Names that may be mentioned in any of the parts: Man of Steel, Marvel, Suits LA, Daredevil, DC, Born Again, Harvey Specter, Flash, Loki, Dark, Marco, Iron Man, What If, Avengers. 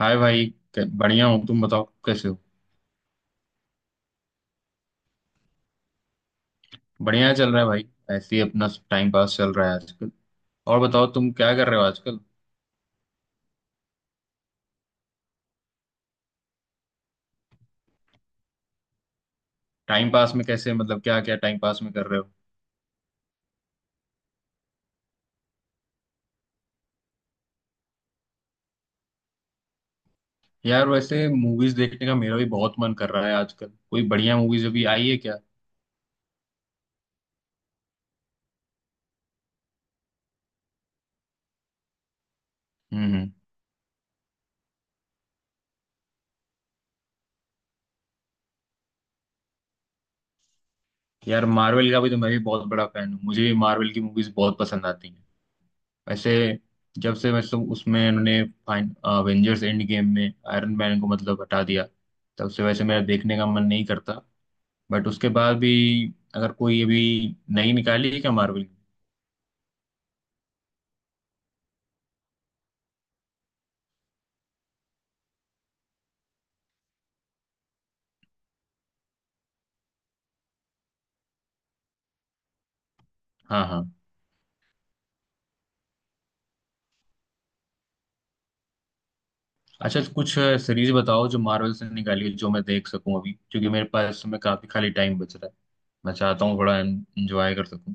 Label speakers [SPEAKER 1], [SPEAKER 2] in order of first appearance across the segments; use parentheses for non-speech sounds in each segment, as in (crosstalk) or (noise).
[SPEAKER 1] हाय भाई। बढ़िया हूँ तुम बताओ कैसे हो? बढ़िया चल रहा है भाई। ऐसे ही अपना टाइम पास चल रहा है आजकल। और बताओ तुम क्या कर रहे हो आजकल? टाइम पास में कैसे मतलब क्या क्या टाइम पास में कर रहे हो? यार वैसे मूवीज देखने का मेरा भी बहुत मन कर रहा है आजकल। कोई बढ़िया मूवीज अभी आई है क्या? हम्म हम्म। यार मार्वल का भी तो मैं भी बहुत बड़ा फैन हूँ। मुझे भी मार्वल की मूवीज बहुत पसंद आती हैं। वैसे जब से मतलब उसमें उन्होंने फाइन अवेंजर्स एंड गेम में आयरन मैन को मतलब हटा दिया तब से वैसे मेरा देखने का मन नहीं करता। बट उसके बाद भी अगर कोई अभी नई निकाली है क्या मार्वल की? हाँ हाँ। अच्छा कुछ सीरीज बताओ जो मार्वल से निकाली है जो मैं देख सकूं अभी क्योंकि मेरे पास में काफी खाली टाइम बच रहा है। मैं चाहता हूँ थोड़ा एंजॉय कर सकूं।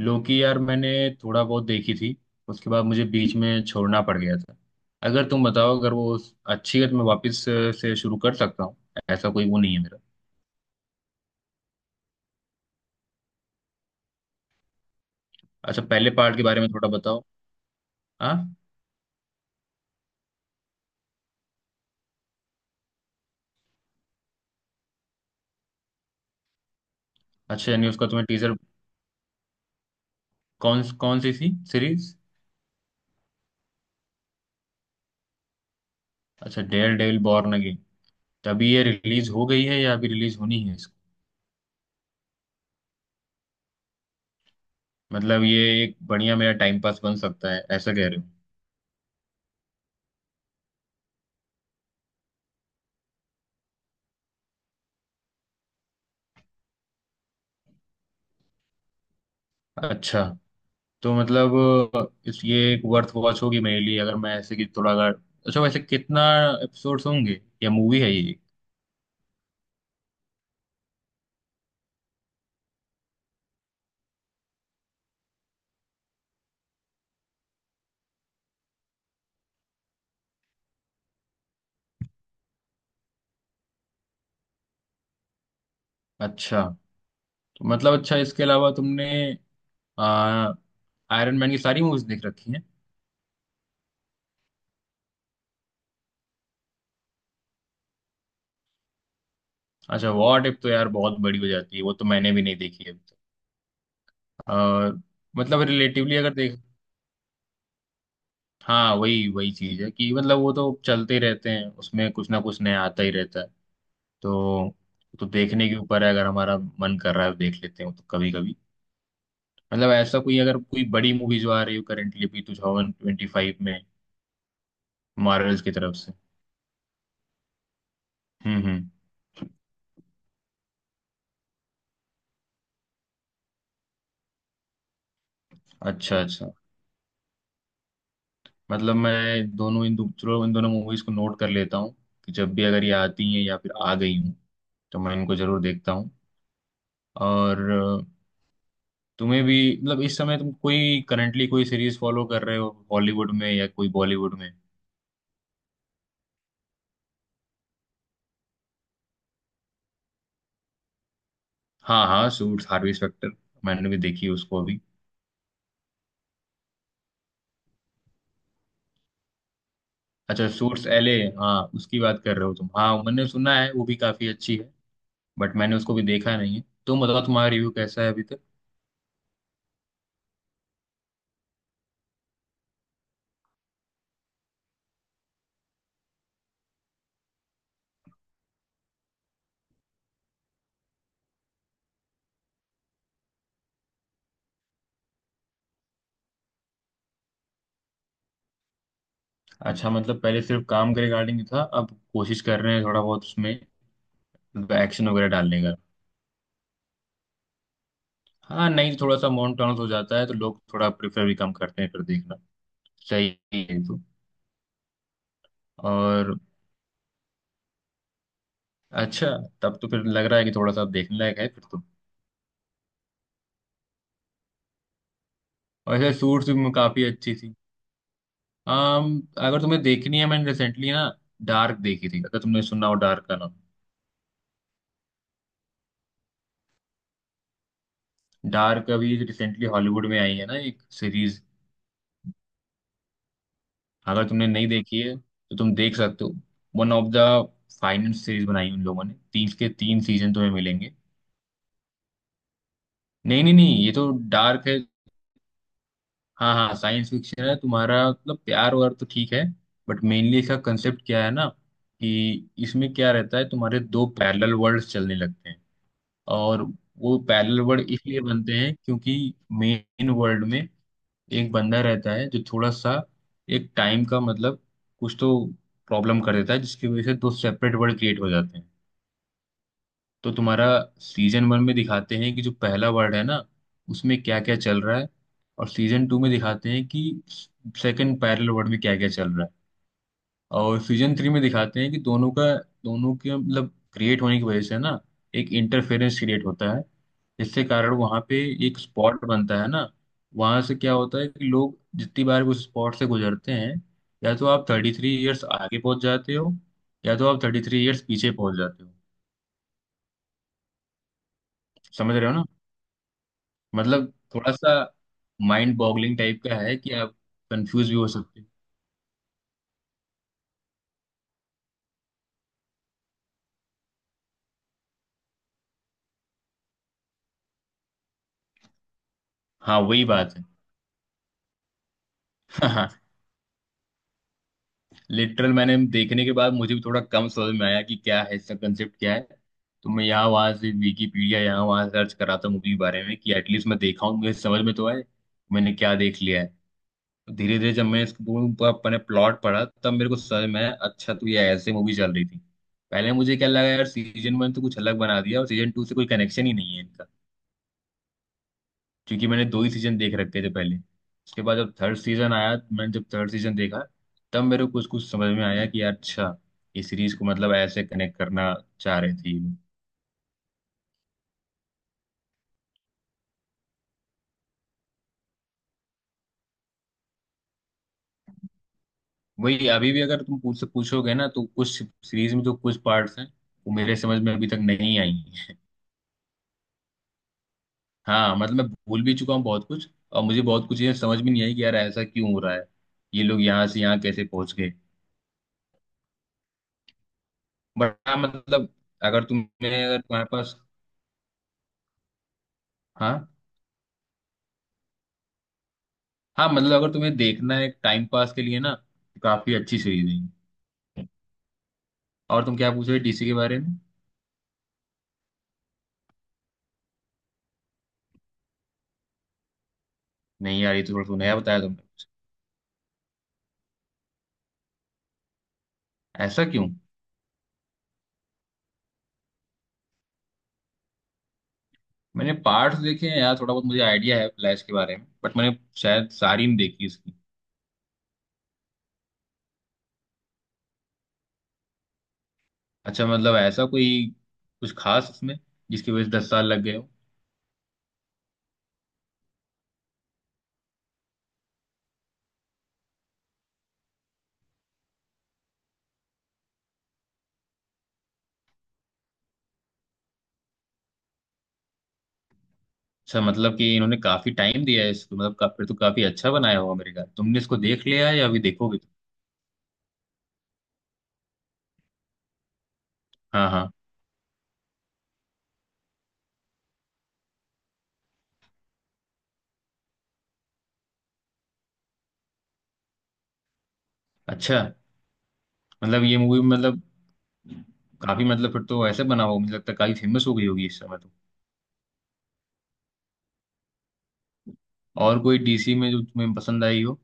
[SPEAKER 1] लोकी यार मैंने थोड़ा बहुत देखी थी। उसके बाद मुझे बीच में छोड़ना पड़ गया था। अगर तुम बताओ अगर वो अच्छी है तो मैं वापस से शुरू कर सकता हूँ। ऐसा कोई वो नहीं है मेरा। अच्छा पहले पार्ट के बारे में थोड़ा बताओ। हाँ। अच्छा यानी उसका तुम्हें टीजर कौन कौन सी थी सीरीज? अच्छा डेयर डेविल बॉर्न अगेन। तो अभी ये रिलीज हो गई है या अभी रिलीज होनी है इसको? मतलब ये एक बढ़िया मेरा टाइम पास बन सकता है ऐसा कह रहे हो। अच्छा तो मतलब इस ये एक वर्थ वॉच होगी मेरे लिए अगर मैं ऐसे कि थोड़ा अगर अच्छा वैसे कितना एपिसोड्स होंगे या मूवी है ये? अच्छा तो मतलब अच्छा इसके अलावा तुमने आयरन मैन की सारी मूवीज देख रखी हैं। अच्छा वॉट इफ तो यार बहुत बड़ी हो जाती है वो तो मैंने भी नहीं देखी अभी तक। और मतलब रिलेटिवली अगर देख हाँ वही वही चीज है कि मतलब वो तो चलते ही रहते हैं उसमें कुछ ना कुछ नया आता ही रहता है। तो तो देखने के ऊपर है अगर हमारा मन कर रहा है तो देख लेते हैं तो कभी कभी मतलब ऐसा कोई अगर कोई बड़ी मूवी जो आ रही हो करेंटली भी 2025 में मार्वल्स की तरफ से। हम्म। अच्छा अच्छा मतलब मैं दोनों चलो इन दोनों मूवीज को नोट कर लेता हूँ कि जब भी अगर ये आती हैं या फिर आ गई हूँ तो मैं इनको जरूर देखता हूँ। और तुम्हें भी मतलब इस समय तुम कोई करंटली कोई सीरीज फॉलो कर रहे हो हॉलीवुड में या कोई बॉलीवुड में? हाँ हाँ सूट्स हार्वी स्पेक्टर। मैंने भी देखी उसको अभी। अच्छा सूट्स एले। हाँ उसकी बात कर रहे हो तुम। हाँ मैंने सुना है वो भी काफी अच्छी है। बट मैंने उसको भी देखा नहीं है तुम बताओ तुम्हारा रिव्यू कैसा है अभी तक? अच्छा मतलब पहले सिर्फ काम के रिगार्डिंग था अब कोशिश कर रहे हैं थोड़ा बहुत उसमें एक्शन वगैरह डालने का। हाँ नहीं थोड़ा सा मोनोटोनस हो जाता है तो लोग थोड़ा प्रेफर भी कम करते हैं फिर देखना। सही है ये तो। और अच्छा तब तो फिर लग रहा है कि थोड़ा सा देखने लायक है फिर तो। वैसे सूट्स भी काफी अच्छी थी। अगर तुम्हें देखनी है मैंने रिसेंटली ना डार्क देखी थी अगर तुमने सुना हो डार्क का नाम। डार्क अभी रिसेंटली हॉलीवुड में आई है ना एक सीरीज। अगर तुमने नहीं देखी है तो तुम देख सकते हो। One of the finance series बनाई उन लोगों ने तीन के तीन सीजन तुम्हें मिलेंगे। नहीं नहीं नहीं ये तो डार्क है। हाँ हाँ साइंस फिक्शन है तुम्हारा मतलब प्यार वार तो ठीक है। बट मेनली इसका कंसेप्ट क्या है ना कि इसमें क्या रहता है तुम्हारे दो पैरेलल वर्ल्ड्स चलने लगते हैं। और वो पैरेलल वर्ल्ड इसलिए बनते हैं क्योंकि मेन वर्ल्ड में एक बंदा रहता है जो थोड़ा सा एक टाइम का मतलब कुछ तो प्रॉब्लम कर देता है जिसकी वजह से दो सेपरेट वर्ल्ड क्रिएट हो जाते हैं। तो तुम्हारा सीजन वन में दिखाते हैं कि जो पहला वर्ड है ना उसमें क्या क्या चल रहा है। और सीजन टू में दिखाते हैं कि सेकंड पैरेलल वर्ड में क्या क्या चल रहा है। और सीजन थ्री में दिखाते हैं कि दोनों के मतलब क्रिएट होने की वजह से ना एक इंटरफेरेंस क्रिएट होता है जिसके कारण वहाँ पे एक स्पॉट बनता है ना वहाँ से क्या होता है कि लोग जितनी बार उस स्पॉट से गुजरते हैं या तो आप 33 ईयर्स आगे पहुंच जाते हो या तो आप थर्टी थ्री ईयर्स पीछे पहुंच जाते हो। समझ रहे हो? मतलब थोड़ा सा माइंड बॉगलिंग टाइप का है कि आप कंफ्यूज भी हो सकते हो। हाँ वही बात है। (laughs) हाँ। लिटरल मैंने देखने के बाद मुझे भी थोड़ा कम समझ में आया कि क्या है इसका कंसेप्ट क्या है। तो मैं यहाँ वहाँ से विकीपीडिया यहाँ वहाँ सर्च कर रहा था मूवी के बारे में कि एटलीस्ट मैं देखा हूँ मुझे समझ में तो आए मैंने क्या देख लिया है। धीरे धीरे जब मैं इसको अपने प्लॉट पढ़ा तब मेरे को समझ में आया अच्छा तो ये ऐसे मूवी चल रही थी। पहले मुझे क्या लगा यार सीजन वन तो कुछ अलग बना दिया और सीजन टू से कोई कनेक्शन ही नहीं है क्योंकि मैंने दो ही सीजन देख रखे थे पहले उसके बाद जब थर्ड सीजन आया मैंने जब थर्ड सीजन देखा तब मेरे को कुछ कुछ समझ में आया कि यार अच्छा ये सीरीज को मतलब ऐसे कनेक्ट करना चाह रहे थे ये लोग। वही अभी भी अगर तुम पूछ पूछोगे ना तो कुछ सीरीज में जो कुछ पार्ट्स हैं वो मेरे समझ में अभी तक नहीं आई हैं। हाँ मतलब मैं भूल भी चुका हूँ बहुत कुछ और मुझे बहुत कुछ ये समझ भी नहीं आई कि यार ऐसा क्यों हो रहा है ये लोग यहाँ से यहाँ कैसे पहुंच गए। बट हाँ मतलब अगर तुम्हारे पास हाँ हाँ मतलब अगर तुम्हें देखना है टाइम पास के लिए ना तो काफी अच्छी सीरीज है ये। और तुम क्या पूछ रहे डीसी के बारे में? नहीं यार ये तो थोड़ा सा नया बताया तुमने मुझे। ऐसा क्यों? मैंने पार्ट्स देखे हैं यार थोड़ा बहुत मुझे आइडिया है फ्लैश के बारे में बट मैंने शायद सारी नहीं देखी इसकी। अच्छा मतलब ऐसा कोई कुछ खास इसमें जिसकी वजह से 10 साल लग गए हो? अच्छा मतलब कि इन्होंने काफी टाइम दिया है इसको मतलब फिर तो काफी अच्छा बनाया होगा मेरे ख्याल तुमने इसको देख लिया है या अभी देखोगे तुम? हाँ हाँ। अच्छा मतलब ये मूवी मतलब काफी मतलब फिर तो ऐसे बना हो मुझे लगता है काफी फेमस हो गई होगी इस समय तो। और कोई डीसी में जो तुम्हें पसंद आई हो?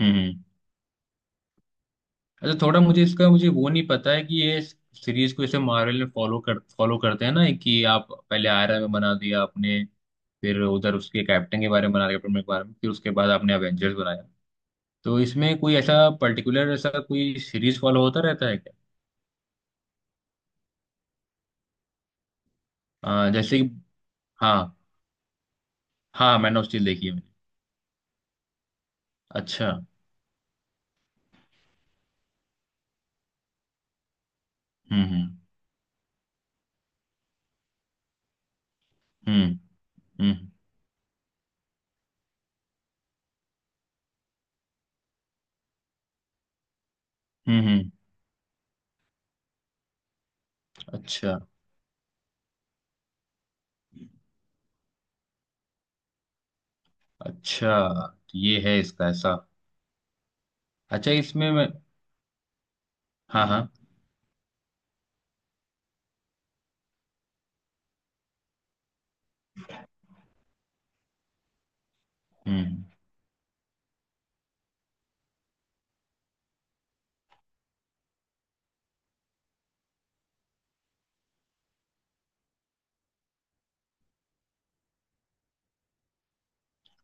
[SPEAKER 1] हम्म। अच्छा थोड़ा मुझे इसका मुझे वो नहीं पता है कि ये सीरीज को जैसे मार्वल ने फॉलो करते हैं ना कि आप पहले आयरन मैन बना दिया आपने फिर उधर उसके कैप्टन के बारे में बना दिया कैप्टन के बारे में फिर उसके बाद आपने एवेंजर्स बनाया। तो इसमें कोई ऐसा पर्टिकुलर ऐसा कोई सीरीज फॉलो होता रहता है क्या? जैसे कि हाँ हाँ मैन ऑफ स्टील देखी है मैंने। अच्छा। हम्म हम्म हम्म हम्म हम्म। अच्छा अच्छा तो ये है इसका ऐसा। अच्छा इसमें मैं हाँ हाँ हम्म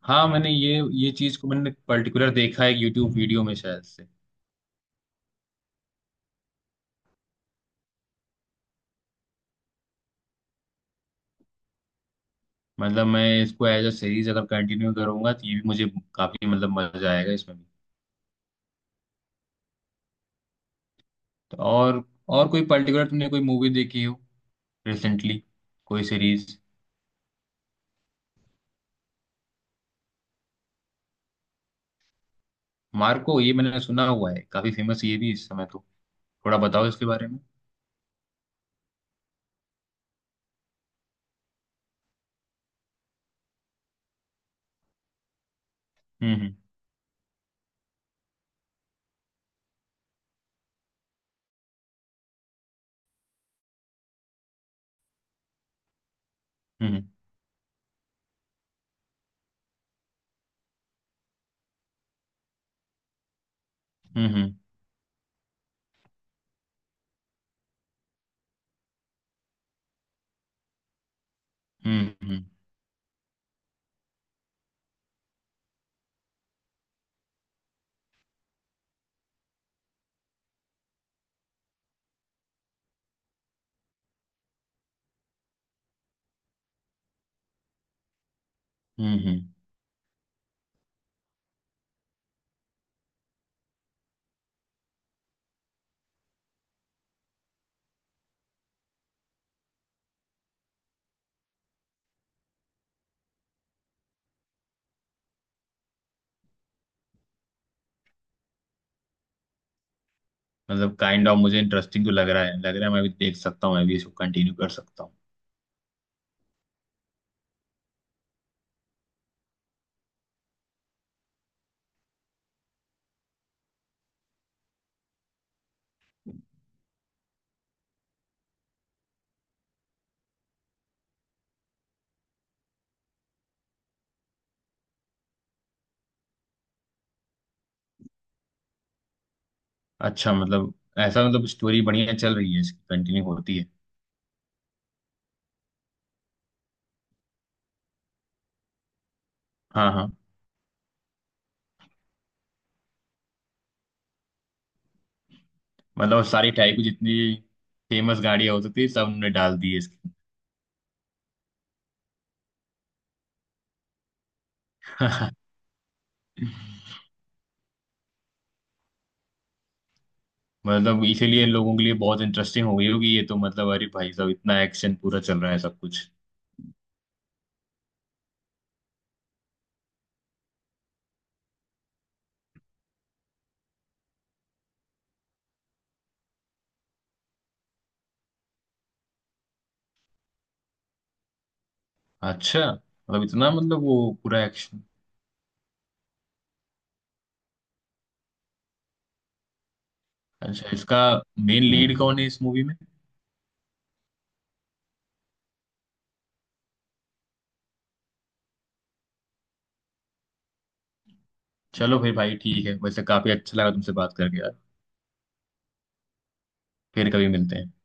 [SPEAKER 1] हाँ मैंने ये चीज को मैंने पर्टिकुलर देखा है यूट्यूब वीडियो में शायद से। मतलब मैं इसको एज अ सीरीज अगर कंटिन्यू करूंगा तो ये भी मुझे काफी मतलब मजा आएगा इसमें भी। तो और कोई पर्टिकुलर तुमने कोई मूवी देखी हो रिसेंटली कोई सीरीज? मार्को ये मैंने सुना हुआ है काफी फेमस ये भी इस समय तो। थोड़ा बताओ इसके बारे में। हम्म हम्म हम्म हम्म हम्म हम्म हम्म। मतलब काइंड ऑफ मुझे इंटरेस्टिंग तो लग रहा है मैं भी देख सकता हूँ मैं भी इसको कंटिन्यू कर सकता हूँ। अच्छा मतलब ऐसा मतलब स्टोरी बढ़िया चल रही है इसकी कंटिन्यू होती है। हाँ हाँ मतलब सारी टाइप की जितनी फेमस गाड़ियाँ हो सकती है सब ने डाल दी है इसकी। (laughs) मतलब इसीलिए लोगों के लिए बहुत इंटरेस्टिंग हो गई होगी ये तो मतलब अरे भाई साहब इतना एक्शन पूरा चल रहा है सब कुछ। अच्छा मतलब इतना मतलब वो पूरा एक्शन अच्छा इसका मेन लीड कौन है इस मूवी में? चलो फिर भाई ठीक है वैसे काफी अच्छा लगा तुमसे बात करके यार। फिर कभी मिलते हैं।